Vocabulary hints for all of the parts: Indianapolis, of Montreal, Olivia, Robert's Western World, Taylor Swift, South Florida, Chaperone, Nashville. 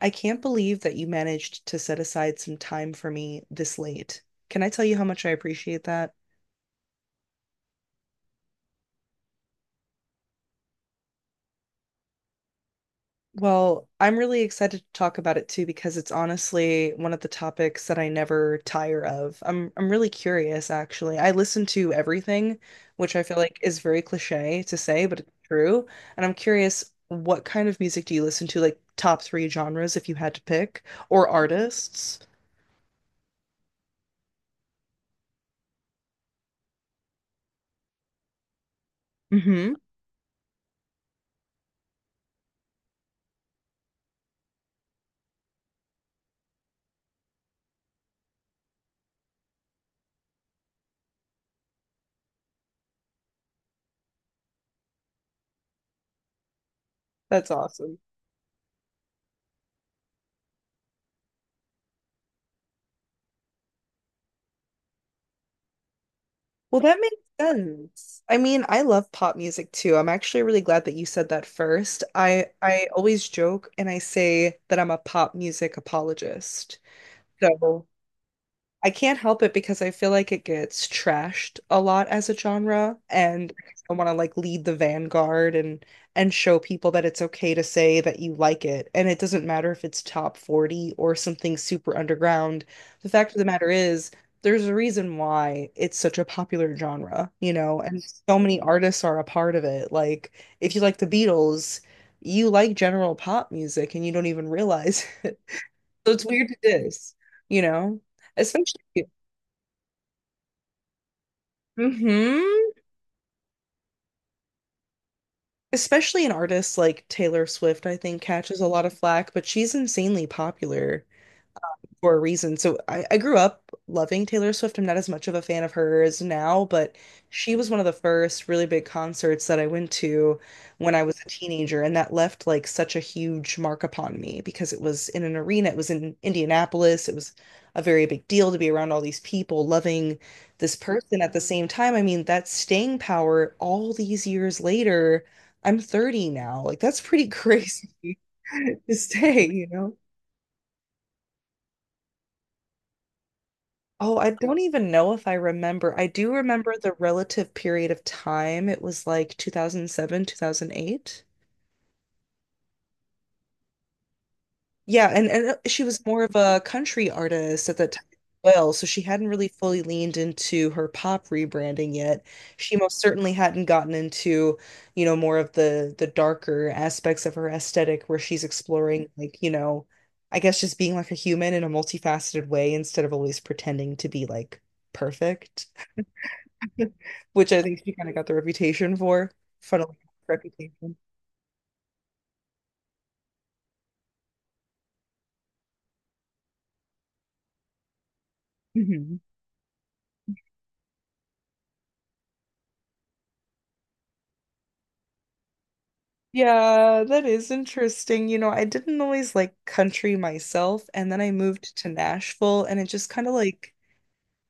I can't believe that you managed to set aside some time for me this late. Can I tell you how much I appreciate that? Well, I'm really excited to talk about it too because it's honestly one of the topics that I never tire of. I'm really curious actually. I listen to everything, which I feel like is very cliche to say, but it's true. And I'm curious, what kind of music do you listen to? Like top three genres if you had to pick or artists? Mm-hmm. That's awesome. Well, that makes sense. I mean, I love pop music too. I'm actually really glad that you said that first. I always joke and I say that I'm a pop music apologist. So I can't help it because I feel like it gets trashed a lot as a genre, and I want to like lead the vanguard and show people that it's okay to say that you like it, and it doesn't matter if it's top 40 or something super underground. The fact of the matter is, there's a reason why it's such a popular genre, you know, and so many artists are a part of it. Like, if you like the Beatles, you like general pop music and you don't even realize. So it's weird to diss, you know? Especially hmm Especially an artist like Taylor Swift, I think, catches a lot of flack, but she's insanely popular for a reason. So I grew up loving Taylor Swift. I'm not as much of a fan of hers now, but she was one of the first really big concerts that I went to when I was a teenager, and that left like such a huge mark upon me because it was in an arena, it was in Indianapolis, it was a very big deal to be around all these people loving this person at the same time. I mean, that staying power all these years later, I'm 30 now. Like that's pretty crazy to stay, you know? Oh, I don't even know if I remember. I do remember the relative period of time. It was like 2007, 2008. Yeah, and she was more of a country artist at that time as well, so she hadn't really fully leaned into her pop rebranding yet. She most certainly hadn't gotten into, you know, more of the darker aspects of her aesthetic where she's exploring like, you know, I guess just being like a human in a multifaceted way instead of always pretending to be like perfect. Which I think she kind of got the reputation for. Funnily enough, reputation. Mhm. Yeah, that is interesting. You know, I didn't always like country myself, and then I moved to Nashville, and it just kind of like—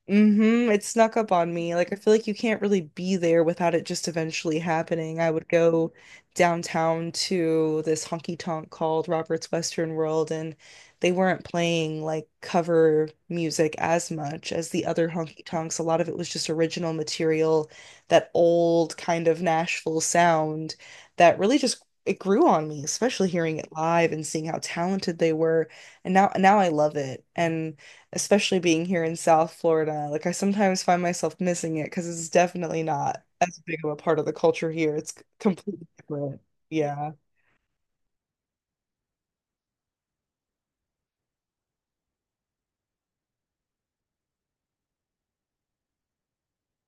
Mm-hmm. It snuck up on me. Like I feel like you can't really be there without it just eventually happening. I would go downtown to this honky tonk called Robert's Western World, and they weren't playing like cover music as much as the other honky tonks. A lot of it was just original material, that old kind of Nashville sound that really just it grew on me, especially hearing it live and seeing how talented they were. And now I love it. And especially being here in South Florida. Like I sometimes find myself missing it because it's definitely not as big of a part of the culture here. It's c- completely different. Yeah.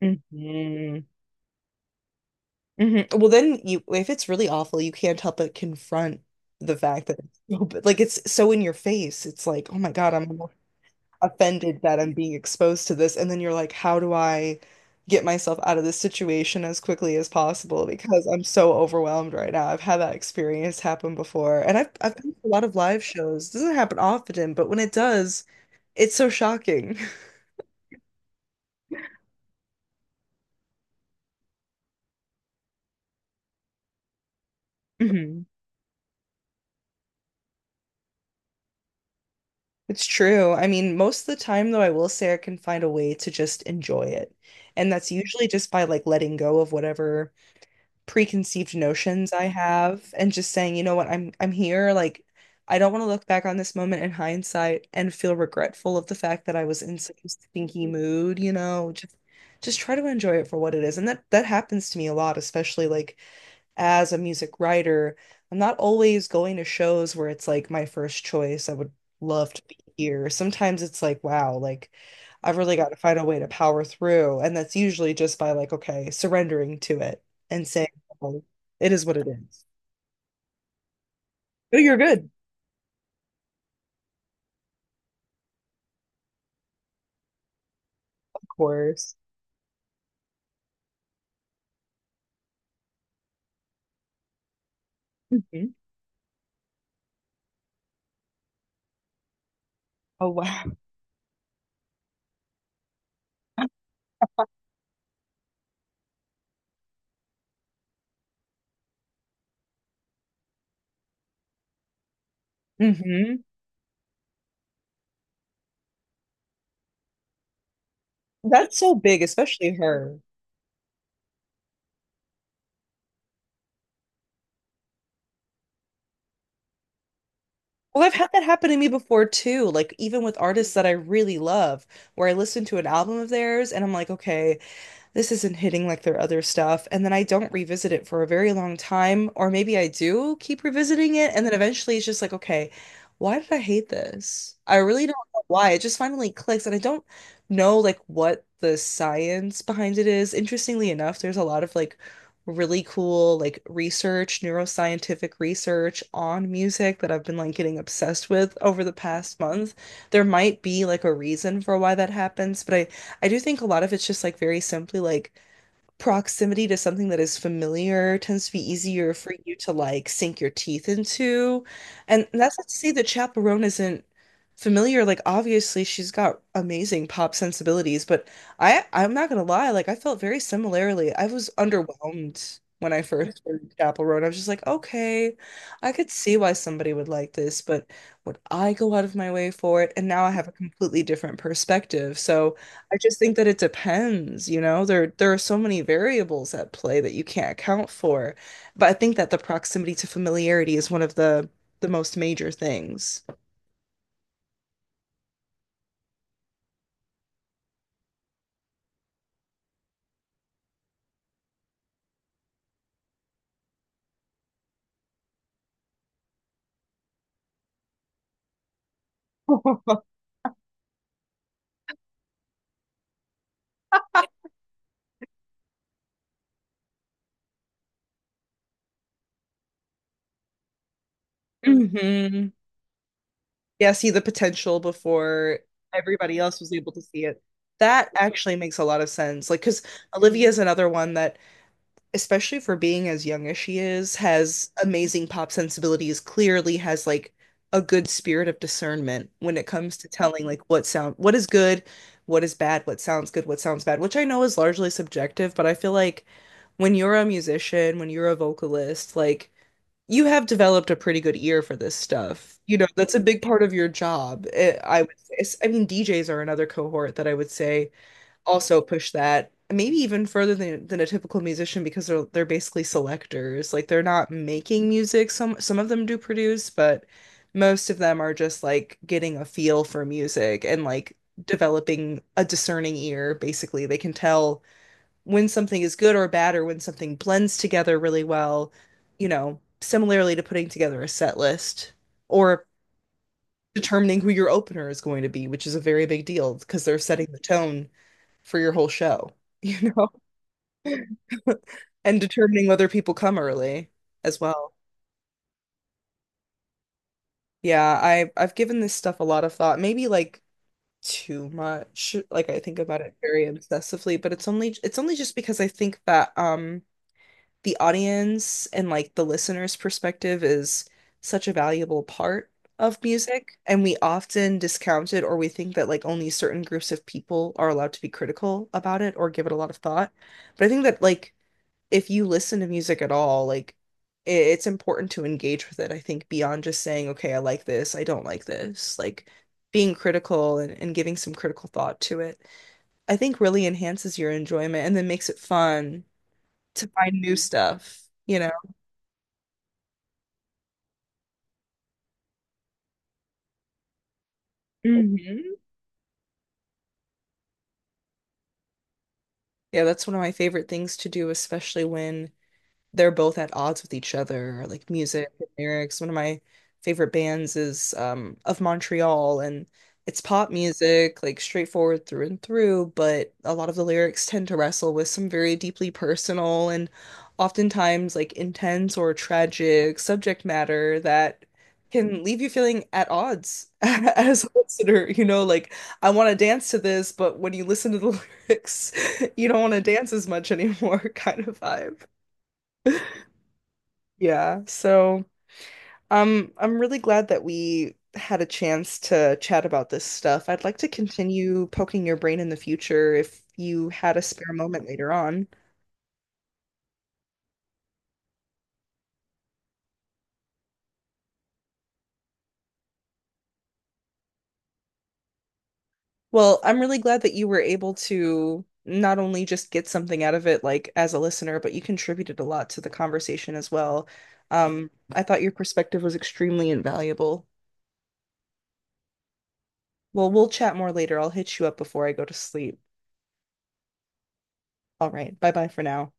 hmm Well, then you, if it's really awful, you can't help but confront the fact that it's so, but like it's so in your face. It's like, oh my God, I'm offended that I'm being exposed to this. And then you're like, how do I get myself out of this situation as quickly as possible because I'm so overwhelmed right now. I've had that experience happen before. And I've been to a lot of live shows. It doesn't happen often, but when it does, it's so shocking. Mhm. It's true. I mean, most of the time though, I will say I can find a way to just enjoy it. And that's usually just by like letting go of whatever preconceived notions I have and just saying, you know what, I'm here. Like, I don't want to look back on this moment in hindsight and feel regretful of the fact that I was in such a stinky mood, you know. Just try to enjoy it for what it is. And that happens to me a lot, especially like as a music writer, I'm not always going to shows where it's like my first choice. I would love to be here. Sometimes it's like, wow, like I've really got to find a way to power through. And that's usually just by like, okay, surrendering to it and saying, oh, it is what it is. Oh, you're good. Of course. hmm Oh, wow. hmm That's so big, especially her. Well, I've had that happen to me before too. Like, even with artists that I really love, where I listen to an album of theirs and I'm like, okay, this isn't hitting like their other stuff. And then I don't revisit it for a very long time, or maybe I do keep revisiting it. And then eventually it's just like, okay, why did I hate this? I really don't know why. It just finally clicks. And I don't know like what the science behind it is. Interestingly enough, there's a lot of like really cool like research, neuroscientific research on music that I've been like getting obsessed with over the past month. There might be like a reason for why that happens, but I do think a lot of it's just like very simply like proximity to something that is familiar tends to be easier for you to like sink your teeth into. And that's not to say that Chaperone isn't familiar. Like obviously she's got amazing pop sensibilities, but I'm not gonna lie, like I felt very similarly. I was underwhelmed when I first heard Chaperone. I was just like, okay, I could see why somebody would like this, but would I go out of my way for it? And now I have a completely different perspective. So I just think that it depends, you know. There are so many variables at play that you can't account for. But I think that the proximity to familiarity is one of the most major things. hmm Yeah, see the potential before everybody else was able to see it. That actually makes a lot of sense. Like, because Olivia is another one that, especially for being as young as she is, has amazing pop sensibilities, clearly has like a good spirit of discernment when it comes to telling like what sound, what is good, what is bad, what sounds good, what sounds bad, which I know is largely subjective, but I feel like when you're a musician, when you're a vocalist, like you have developed a pretty good ear for this stuff. You know, that's a big part of your job. Eh, I would say. I mean, DJs are another cohort that I would say also push that maybe even further than a typical musician because they're basically selectors. Like they're not making music. Some of them do produce, but most of them are just like getting a feel for music and like developing a discerning ear. Basically, they can tell when something is good or bad or when something blends together really well, you know, similarly to putting together a set list or determining who your opener is going to be, which is a very big deal because they're setting the tone for your whole show, you know, and determining whether people come early as well. Yeah, I've given this stuff a lot of thought. Maybe like too much. Like I think about it very obsessively, but it's only just because I think that the audience and like the listener's perspective is such a valuable part of music, and we often discount it or we think that like only certain groups of people are allowed to be critical about it or give it a lot of thought. But I think that like if you listen to music at all, like it's important to engage with it, I think, beyond just saying, okay, I like this, I don't like this, like being critical and giving some critical thought to it, I think really enhances your enjoyment and then makes it fun to find new stuff, you know? hmm Yeah, that's one of my favorite things to do, especially when they're both at odds with each other, like music and lyrics. One of my favorite bands is of Montreal, and it's pop music, like straightforward through and through, but a lot of the lyrics tend to wrestle with some very deeply personal and oftentimes like intense or tragic subject matter that can leave you feeling at odds as a listener, you know, like I want to dance to this, but when you listen to the lyrics, you don't want to dance as much anymore kind of vibe. Yeah. So, I'm really glad that we had a chance to chat about this stuff. I'd like to continue poking your brain in the future if you had a spare moment later on. Well, I'm really glad that you were able to not only just get something out of it, like as a listener, but you contributed a lot to the conversation as well. I thought your perspective was extremely invaluable. Well, we'll chat more later. I'll hit you up before I go to sleep. All right. Bye bye for now.